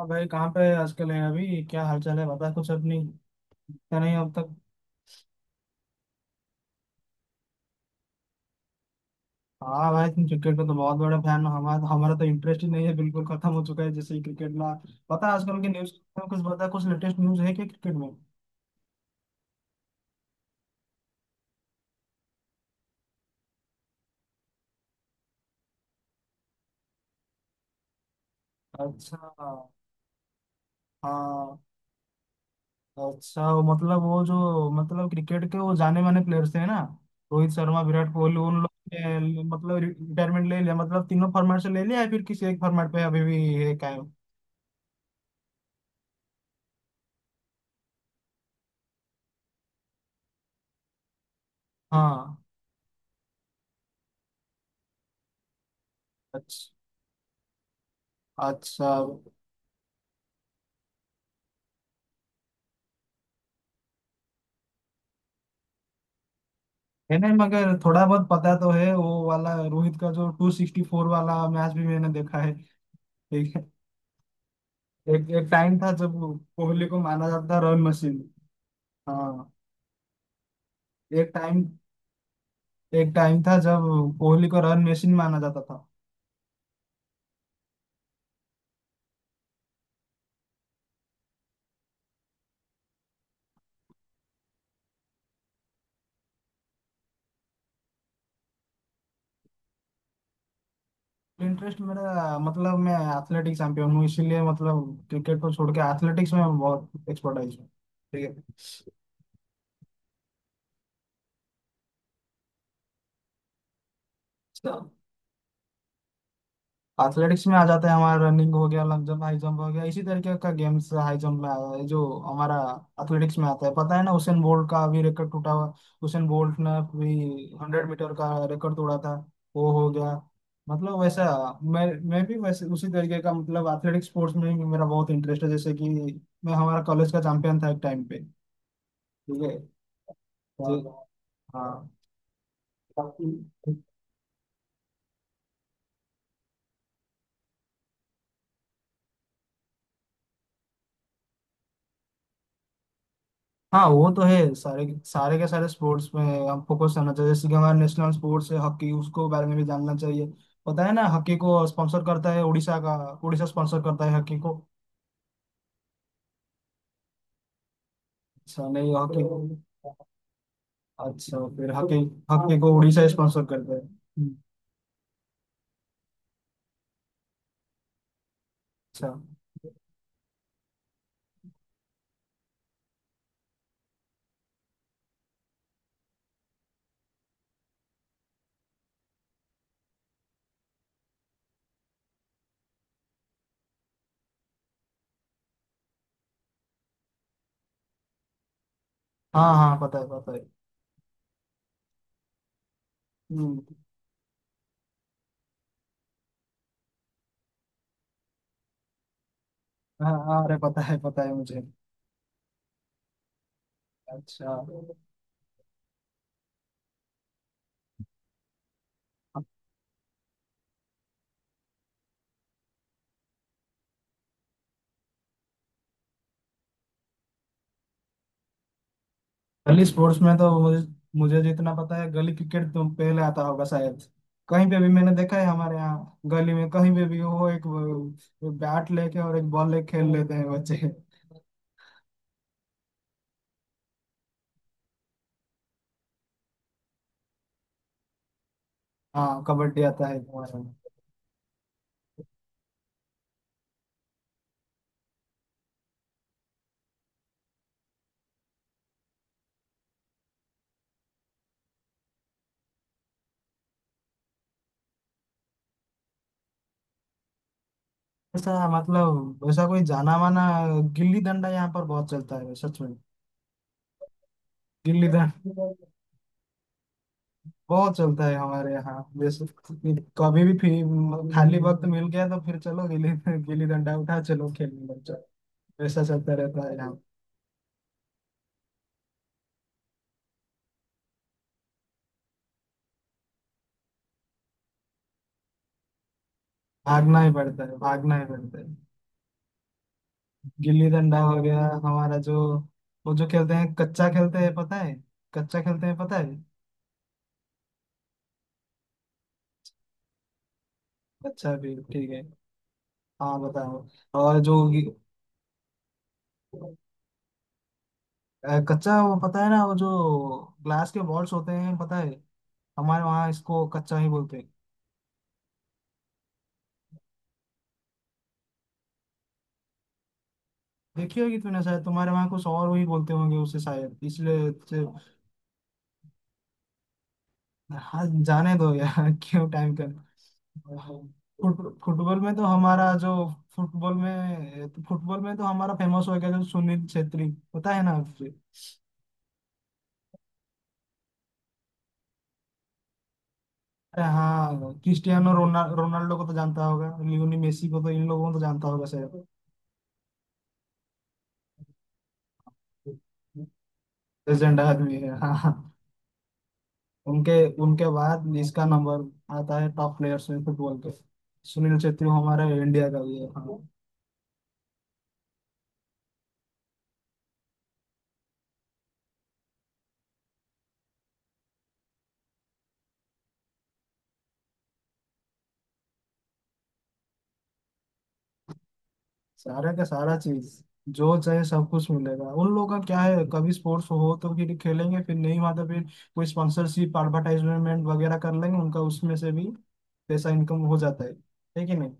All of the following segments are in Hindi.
हाँ भाई, कहाँ पे आजकल है? अभी क्या हालचाल है? बता कुछ अपनी। क्या, नहीं अब तक? हाँ भाई, तुम क्रिकेट का तो बहुत बड़ा फैन हो। हमारा हमारा तो इंटरेस्ट ही नहीं है, बिल्कुल खत्म हो चुका है जैसे ही क्रिकेट ना। पता है आजकल की न्यूज? कुछ बता, कुछ लेटेस्ट न्यूज है क्या क्रिकेट में? अच्छा। हाँ। अच्छा, वो मतलब वो जो मतलब क्रिकेट के वो जाने माने प्लेयर्स हैं ना, रोहित शर्मा, विराट कोहली, उन लोग ने मतलब रिटायरमेंट ले लिया, मतलब तीनों फॉर्मेट से ले लिया या फिर किसी एक फॉर्मेट पे अभी भी है कायम? हाँ। अच्छा। अच्छा। है नहीं, मगर थोड़ा बहुत पता तो है। वो वाला रोहित का जो 264 वाला मैच भी मैंने देखा है। एक एक, एक टाइम था जब कोहली को माना जाता था रन मशीन। हाँ। एक टाइम एक टाइम था जब कोहली को रन मशीन माना जाता था। इंटरेस्ट मेरा, मतलब मैं एथलेटिक्स चैंपियन हूँ, इसीलिए मतलब क्रिकेट को छोड़ के एथलेटिक्स में बहुत एक्सपर्टाइज हूँ। ठीक है। एथलेटिक्स में आ जाता है हमारा, रनिंग हो गया, लॉन्ग जंप, हाई जंप हो गया, इसी तरीके का गेम्स। हाई जंप में आया है जो हमारा एथलेटिक्स में आता है। पता है ना, उसेन बोल्ट का अभी रिकॉर्ड टूटा हुआ। उसेन बोल्ट ने भी 100 मीटर का रिकॉर्ड तोड़ा था। वो हो गया, मतलब वैसा। मैं भी वैसे उसी तरीके का, मतलब एथलेटिक स्पोर्ट्स में भी मेरा बहुत इंटरेस्ट है, जैसे कि मैं हमारा कॉलेज का चैंपियन था एक टाइम पे। ठीक है जी। हाँ। हाँ, वो तो है, सारे सारे के सारे स्पोर्ट्स में हम फोकस करना चाहिए। जैसे कि हमारा नेशनल स्पोर्ट्स है हॉकी, उसको बारे में भी जानना चाहिए। पता है ना, हॉकी को स्पॉन्सर करता है उड़ीसा का। उड़ीसा स्पॉन्सर करता है हॉकी को। अच्छा, नहीं हॉकी को। अच्छा, फिर हॉकी, हॉकी को उड़ीसा स्पॉन्सर करता है। हम्म। अच्छा। हाँ हाँ, पता है पता है। हम्म। हाँ हाँ, अरे पता है मुझे। अच्छा। गली स्पोर्ट्स में तो मुझे मुझे जितना पता है, गली क्रिकेट तो पहले आता होगा शायद। कहीं पे भी मैंने देखा है, हमारे यहाँ गली में कहीं पे भी वो एक बैट लेके और एक बॉल लेके खेल लेते हैं बच्चे। हाँ, कबड्डी आता है हमारे यहाँ। ऐसा, मतलब ऐसा कोई जाना माना। गिल्ली डंडा यहाँ पर बहुत चलता है सच में। गिल्ली डंडा बहुत चलता है हमारे यहाँ। जैसे कभी भी खाली वक्त मिल गया तो फिर चलो गिल्ली, गिल्ली डंडा उठा, चलो खेलने लग जाओ। ऐसा चलता रहता है यहाँ। भागना ही पड़ता है, भागना ही पड़ता है। गिल्ली डंडा हो गया हमारा। जो वो जो खेलते हैं कच्चा खेलते हैं पता है। कच्चा खेलते हैं पता है। कच्चा भी ठीक है। हाँ बताओ। और कच्चा, वो पता है ना, वो जो ग्लास के बॉल्स होते हैं पता है। हमारे वहाँ इसको कच्चा ही बोलते हैं। देखी होगी तूने शायद, तुम्हारे वहाँ कुछ और वही बोलते होंगे उसे शायद इसलिए। हाँ जाने दो यार, क्यों टाइम का। फुट फुटबॉल में तो हमारा जो, फुटबॉल में तो हमारा फेमस हो गया जो सुनील छेत्री, पता है ना आपसे? अरे हाँ, क्रिस्टियानो रोनाल्डो को तो जानता होगा, लियोनी मेसी को तो, इन लोगों को तो जानता होगा शायद। लेजेंड आदमी है, हाँ हाँ। उनके उनके बाद इसका नंबर आता है टॉप प्लेयर्स में फुटबॉल के। सुनील छेत्री हमारे इंडिया का भी है, हाँ। सारा का सारा चीज, जो चाहे सब कुछ मिलेगा। उन लोगों का क्या है, कभी स्पोर्ट्स हो तो फिर खेलेंगे, फिर नहीं हुआ तो फिर कोई स्पॉन्सरशिप एडवर्टाइजमेंट वगैरह कर लेंगे, उनका उसमें से भी पैसा इनकम हो जाता है। है कि नहीं?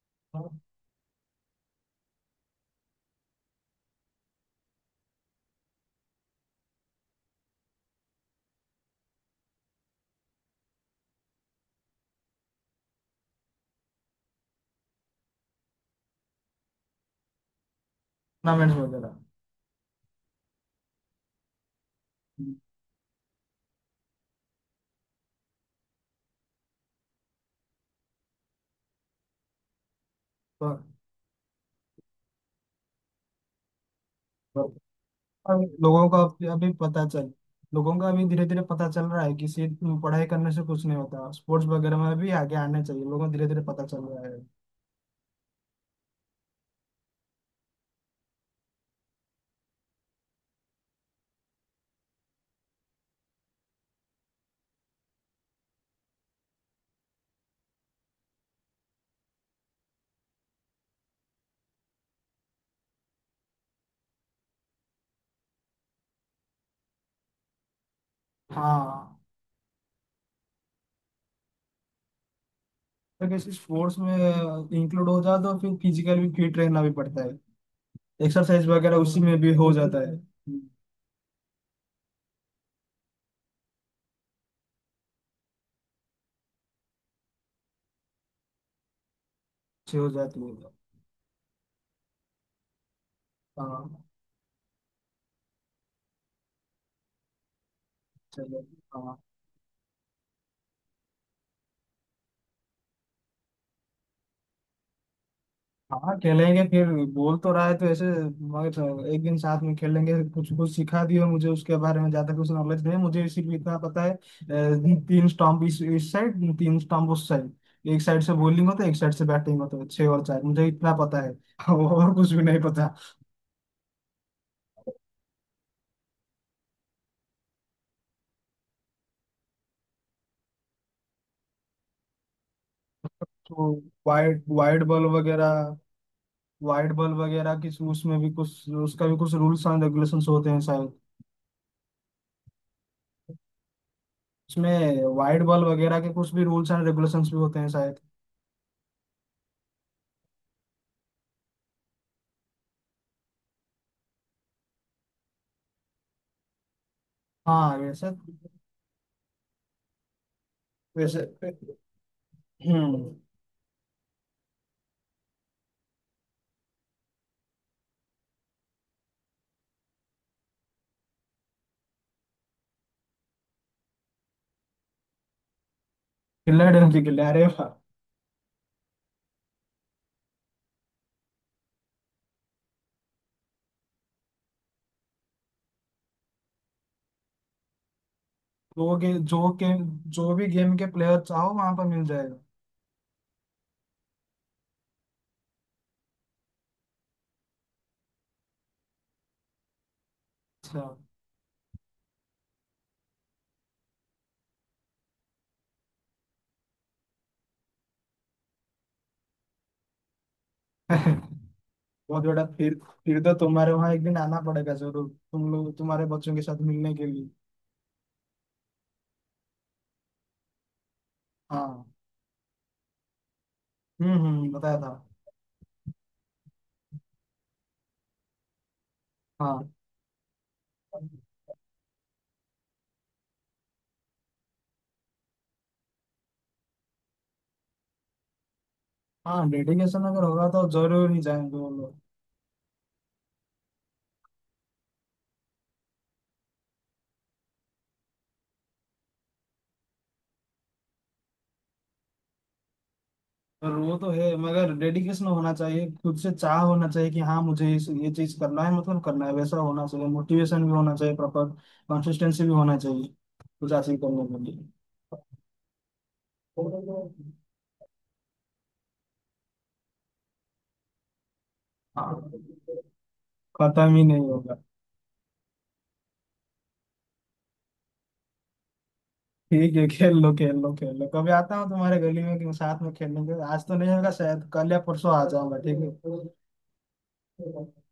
टूर्नामेंट्स वगैरह। तो, तो अब लोगों का अभी अभी पता चल, लोगों का अभी धीरे धीरे पता चल रहा है कि सिर्फ पढ़ाई करने से कुछ नहीं होता, स्पोर्ट्स वगैरह में भी आगे आना चाहिए, लोगों को धीरे धीरे पता चल रहा है। हाँ। अगर किसी स्पोर्ट्स में इंक्लूड हो जाए तो फिर फिजिकल भी फिट रहना भी पड़ता है, एक्सरसाइज वगैरह उसी में भी हो जाता है। हम्म। अच्छी हो जाती है। हाँ चलो। हाँ हाँ, खेलेंगे फिर, बोल तो रहा है तो ऐसे। मगर एक दिन साथ में खेलेंगे, कुछ कुछ सिखा दियो मुझे, उसके बारे में ज्यादा कुछ नॉलेज नहीं है मुझे। सिर्फ इतना पता है, तीन स्टंप इस साइड, तीन स्टंप उस साइड, एक साइड से बॉलिंग होता है, एक साइड से बैटिंग होता है, छह और चार, मुझे इतना पता है। और कुछ भी नहीं पता। तो वाइड वाइड बॉल वगैरह, वाइट बॉल वगैरह की उसमें भी कुछ, उसका भी कुछ रूल्स एंड रेगुलेशंस होते हैं शायद। उसमें वाइट बॉल वगैरह के कुछ भी रूल्स एंड रेगुलेशंस भी होते हैं शायद। हाँ वैसे। वैसे। हम्म। खिल्ला डर की खिल्ला, अरे वाह। जो के जो के जो भी गेम के प्लेयर चाहो वहां पर मिल जाएगा। अच्छा। बहुत बड़ा फिर तो तुम्हारे वहां एक दिन आना पड़ेगा जरूर, तुम लोग तुम्हारे बच्चों के साथ मिलने के लिए। हाँ। हम्म, बताया था। हाँ हाँ, डेडिकेशन अगर होगा तो जरूर ही जाएंगे वो लोग। और वो तो है, मगर डेडिकेशन होना चाहिए, खुद से चाह होना चाहिए कि हाँ मुझे इस ये चीज करना है, मतलब करना है, वैसा होना चाहिए, मोटिवेशन भी होना चाहिए प्रॉपर, कंसिस्टेंसी भी होना चाहिए कुछ हासिल करने के लिए। हाँ। खत्म ही नहीं होगा। ठीक है, खेल लो खेल लो खेल लो, कभी आता हूँ तुम्हारे गली में कि साथ में खेलेंगे, आज तो नहीं होगा शायद, कल या परसों आ जाऊंगा। ठीक है।